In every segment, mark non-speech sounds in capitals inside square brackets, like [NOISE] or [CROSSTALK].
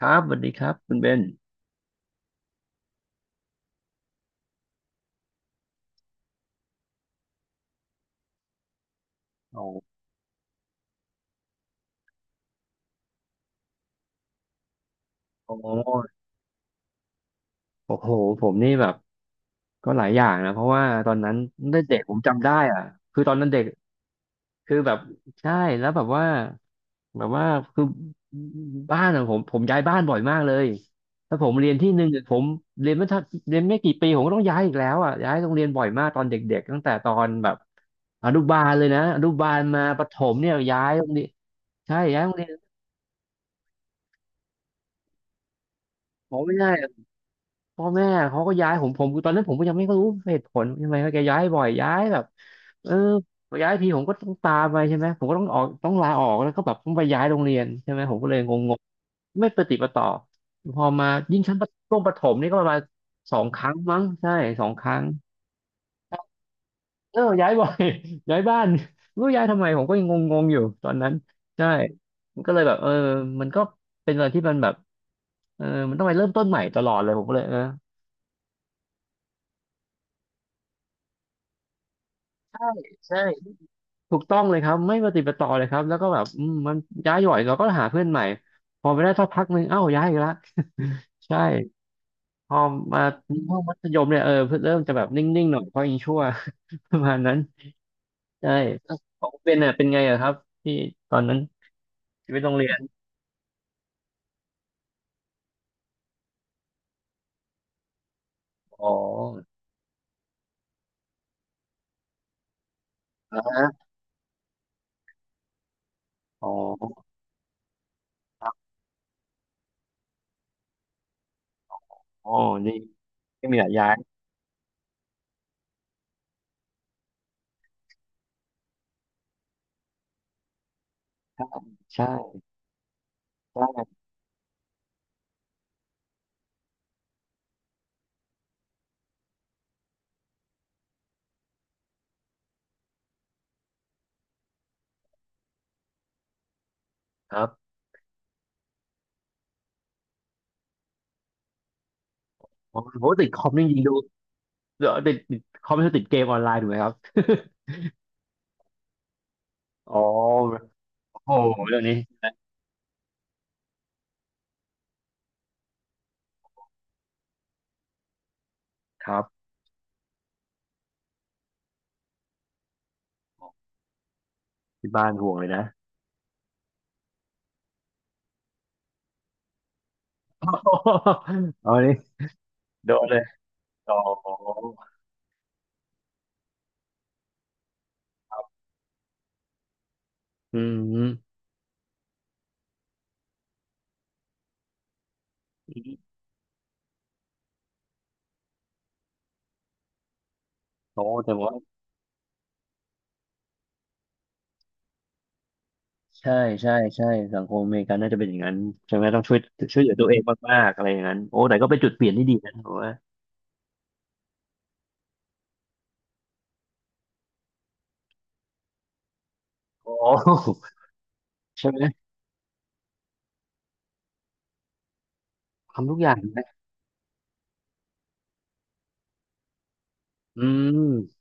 ครับสวัสดีครับคุณเบนโอโอ้โอ้โหผมนี่แบบก็หลายอย่างนะเพราะว่าตอนนั้นเด็กผมจำได้อ่ะคือตอนนั้นเด็กคือแบบใช่แล้วแบบว่าแบบว่าคือบ้านขอะผมย้ายบ้านบ่อยมากเลยแล้วผมเรียนที่หนึ่งเนี่ยผมเรียนไม่ทันเรียนไม่กี่ปีผมก็ต้องย้ายอีกแล้วอ่ะย้ายโรงเรียนบ่อยมากตอนเด็กๆตั้งแต่ตอนแบบอนุบาลเลยนะอนุบาลมาประถมเนี่ยย้ายโรงเรียนใช่ย้ายโรงเรียนผมไม่ได้ พ่อแม่เขาก็ย้ายผมผมตอนนั้นผมก็ยังไม่รู้เหตุผลทำไมว่าแกย้ายบ่อยย้ายแบบเออย้ายทีผมก็ต้องตามไปใช่ไหมผมก็ต้องออกต้องลาออกแล้วก็แบบต้องไปย้ายโรงเรียนใช่ไหมผมก็เลยงงๆไม่ประติดประต่อพอมายิ่งชั้นประช่วงประถมนี่ก็ประมาณสองครั้งมั้งใช่สองครั้งเออย้ายบ่อย [LAUGHS] ย้ายบ้านไม่รู้ย้ายทำไมผมก็ยังงงๆอยู่ตอนนั้นใช่มันก็เลยแบบเออมันก็เป็นอะไรที่มันแบบเออมันต้องไปเริ่มต้นใหม่ตลอดเลยผมก็เลยเออใช่ใช่ ถูกต้องเลยครับไม่ปฏิดปะต่อเลยครับแล้วก็แบบอืมมันย้ายหย่อยเราก็หาเพื่อนใหม่พอไปได้สักพักหนึ่งเอ้าย้ายอีกละใช่พอมาห้องมัธยมเนี่ยเออเพิ่งเริ่มจะแบบนิ่งๆหน่อยเพราะยังชั่ว [LAUGHS] ประมาณนั้นใช่ของเป็นอ่ะเป็นไงอะครับที่ตอนนั้นชีวิตโรงเรียนอ๋อนะฮะอ๋อครับอ๋อนี่ไม่มีหลายย้ายใช่ใช่ใช่ครับโอ้โหติดคอมนี่ยิงดูเดี๋ยวติดคอมไม่ใช่ติดเกมออนไลน์ถูกไหมครับอ๋อโอ้โหเรื่องนี้ครับที่บ้านห่วงเลยนะ [LAUGHS] โอ้โหเอานี่โดนเลยอ๋ออืมอืมโอ้แต่ว่าใช่ใช่สังคมอเมริกันน่าจะเป็นอย่างนั้นใช่ไหมต้องช่วยช่วยเหลือตัวเองมากๆอะไรอย่างนั้นโอ้แต่ก็เป็นจุดเปลี่ยนที่ดีนะผมว่าโอ้ใช่ไหมทำทุกอย่างนะอืม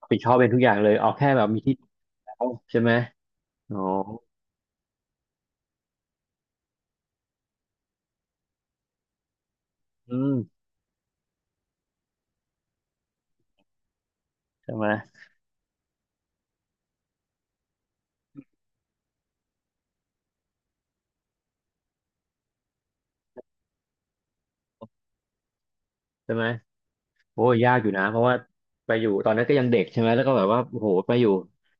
รับผิดชอบเป็นทุกอย่างเลยเอาแค่แบบมีที่อยู่แล้วใช่ไหมโอ้อืมใช่ไหมใช่ไหม โอ้ยยากอยู่นะเพราะว่าไปอยู่ตอนนั้นก็ยังเด็กใช่ไหมแล้วก็แบบว่าโอ้โหไปอยู่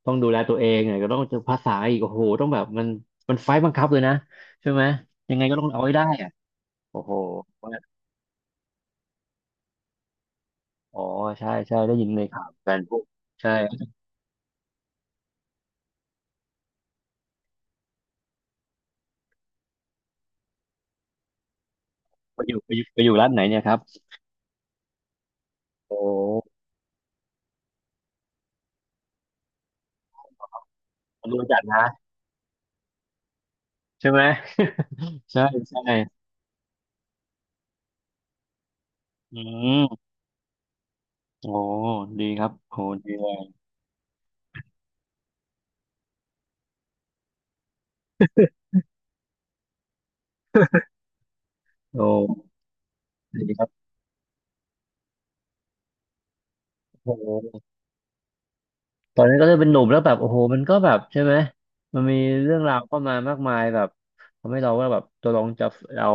ต้องดูแลตัวเองไงก็ต้องเจอภาษาอีกโอ้โหต้องแบบมันมันไฟต์บังคับเลยนะใช่ไหมยังไงก็ต้องเอาให้ได้อะโอ้โหว่าอ๋อใช่ได้ยินในข่าวกันพวกใช่ไปอยู่ไปอยู่ร้านไหนเนี่ยครับโอ้คนรู้จักนะใช่ไหม [LAUGHS] ใช่ใช่อืมโอ้ดีครับโอ้ดีเลยโอ้ดีครับโอ้ ตอนนั้นก็เริ่มเป็นหนุ่มแล้วแบบโอ้โหมันก็แบบใช่ไหมมันมีเรื่องราวเข้ามามากมายแบบทำให้เราว่าแบบตัวลองจะเรา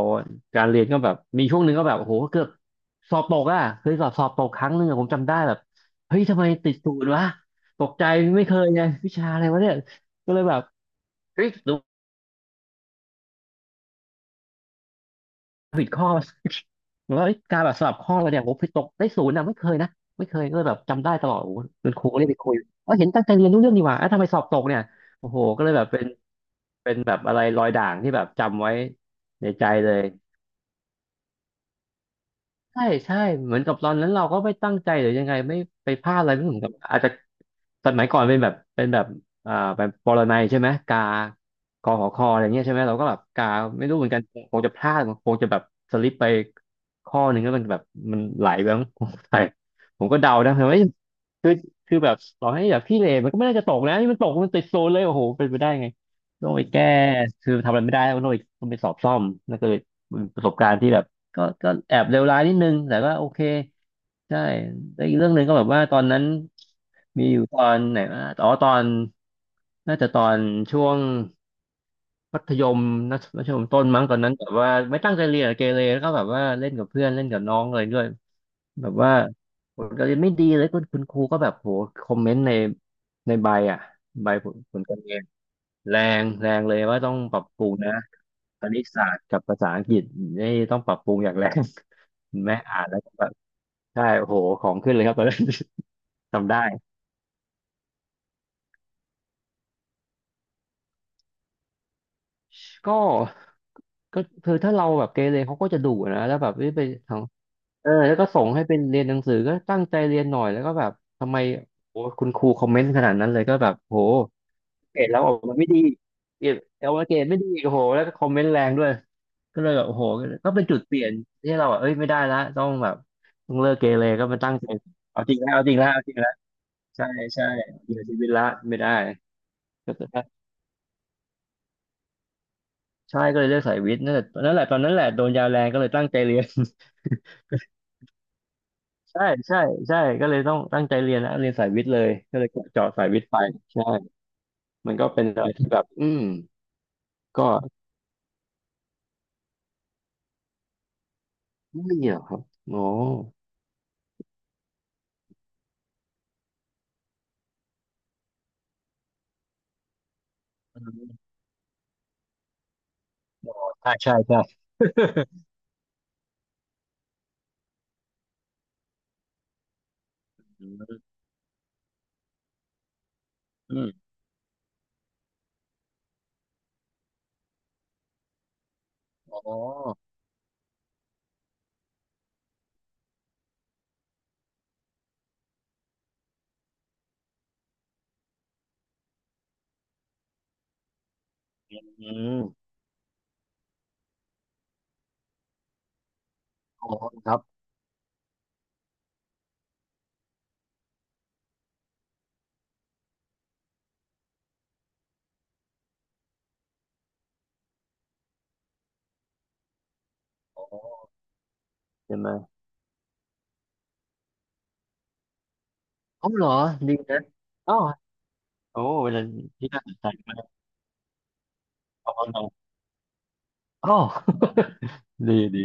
การเรียนก็แบบมีช่วงหนึ่งก็แบบโอ้โหเกือบสอบตกอ่ะเคยสอบตกครั้งหนึ่งอะผมจำได้แบบเฮ้ยทำไมติดศูนย์วะตกใจไม่เคยไงวิชาอะไรวะเนี่ยก็เลยแบบเฮ้ยดูเหมือนว่าเอ้ยการแบบสอบข้ออะไรเนี่ยโอ้โหไปตกได้ศูนย์อ่ะไม่เคยนะไม่เคยก็เลยแบบจำได้ตลอดโอ้โหเป็นครูก็เรียกไปคุยเออเห็นตั้งใจเรียนรู้เรื่องดีหว่าเอ้าทำไมสอบตกเนี่ยโอ้โหก็เลยแบบเป็น เป็นแบบอะไรรอยด่างที่แบบจำไว้ในใจเลยใช่เหมือนกับตอนนั้นเราก็ไม่ตั้งใจหรือยังไงไม่ไปพลาดอะไรไม่เหมือนกับอาจจะ สมัยก่อนเป็นแบบอ่าแบบปรนัยใช่ไหมกากอหอคออะไรเงี้ยใช่ไหมเราก็แบบกาไม่รู้เหมือนกันคงจะพลาดคงจะแบบสลิปไปข้อหนึ่งแล้วมันแบบมันไหลไปมั้ง [LAUGHS] ผมใส่ผมก็เดานะแต่ว่าเอ้ยคือคือแบบต่อให้แบบพี่เลมันก็ไม่น่าจะตกนะนี่มันตกมันติดโซนเลยโอ้โหเป็นไปได้ไงต้องไปแก้คือทำอะไรไม่ได้ต้องไปสอบซ่อมนั่นก็เลยเป็นประสบการณ์ที่แบบก็ก็แอบเลวร้ายนิดนึงแต่ก็โอเคใช่ แล้วอีกเรื่องหนึ่งก็แบบว่าตอนนั้นมีอยู่ตอนไหนวะอ๋อตอนน่าจะตอนช่วงมัธยมนะมัธยมต้นมั้งตอนนั้นแบบว่าไม่ตั้งใจเรียนอะเกเรแล้วก็แบบว่าเล่นกับเพื่อนเล่นกับน้องอะไรด้วยแบบว่าผลการเรียนไม่ดีเลยคุณครูก็แบบโหคอมเมนต์ในใบอ่ะใบผลการเรียนแรงแรงเลยว่าต้องปรับปรุงนะคณิตศาสตร์กับภาษาอังกฤษนี่ต้องปรับปรุงอย่างแรง [LAUGHS] แม่อ่านแล้วก็แบบใช่โหของขึ้นเลยครับตอนนั้น [LAUGHS] ทำได้ ก็ก็คือถ้าเราแบบเกเรเขาก็จะดุนะแล้วแบบไปทางเออแล้วก็ส่งให้เป็นเรียนหนังสือก็ตั้งใจเรียนหน่อยแล้วก็แบบทำไมโอ้คุณครูคอมเมนต์ขนาดนั้นเลยก็แบบโหเกรดแล้วออกมาไม่ดีเกรดเอามาเกรดไม่ดีโอ้โหแล้วก็คอมเมนต์แรงด้วยก็เลยแบบโอ้โหก็เป็นจุดเปลี่ยนที่เราแบบเอ้ยไม่ได้ละต้องแบบต้องเลิกเกเรก็มาตั้งใจเอาจริงแล้วเอาจริงแล้วเอาจริงแล้วใช่ใช่เริชีวิตละไม่ได้ก็ใช่ก็เลยเลือกสายวิทย์นั่นแหละนั่นแหละตอนนั้นแหละโดนยาแรงก็เลยตั้งใจเรียน ใช่ใช่ใช่ก็เลยต้องตั้งใจเรียนนะเรียนสายวิทย์เลยก็เลยเจาะสายวิทย์ไปใช่มันก็เป็นอะไรที่แบบอืมก็ไม่เหรอครับโอ้อืมอ๋อใช่ใช่ใช่ [LAUGHS] อืมอืมอ๋ออืมอ๋อครับอ๋อใช่ไหมอ๋อเหรอดีนะอ๋อโอ้เป็นอะไรที่น่าสนใจมากอ๋ออ๋อ [LAUGHS] ดีดี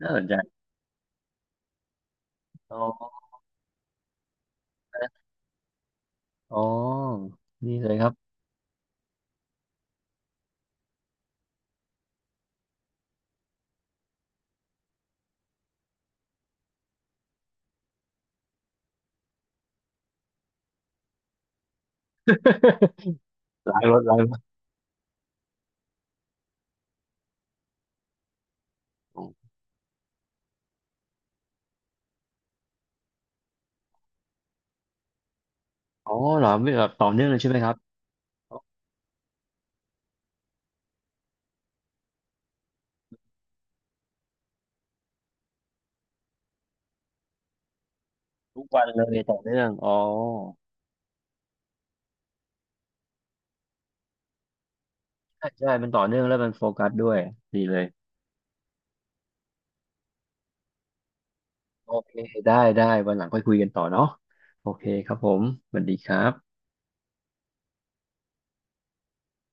น่าสนใจอ๋ออ๋อนี่เลยครับ [LAUGHS] ล้างรถล้างรถอ๋อเหรอไม่แบบต่อเนื่องเลยใช่ไหมครับ ทุกวันเลยต่อเนื่องอ๋อใช่ใช่มันต่อเนื่องแล้วมันโฟกัสด้วยดีเลยโอเคได้ได้วันหลังค่อยคุยกันต่อเนาะโอเคครับผมสวัสดีครับ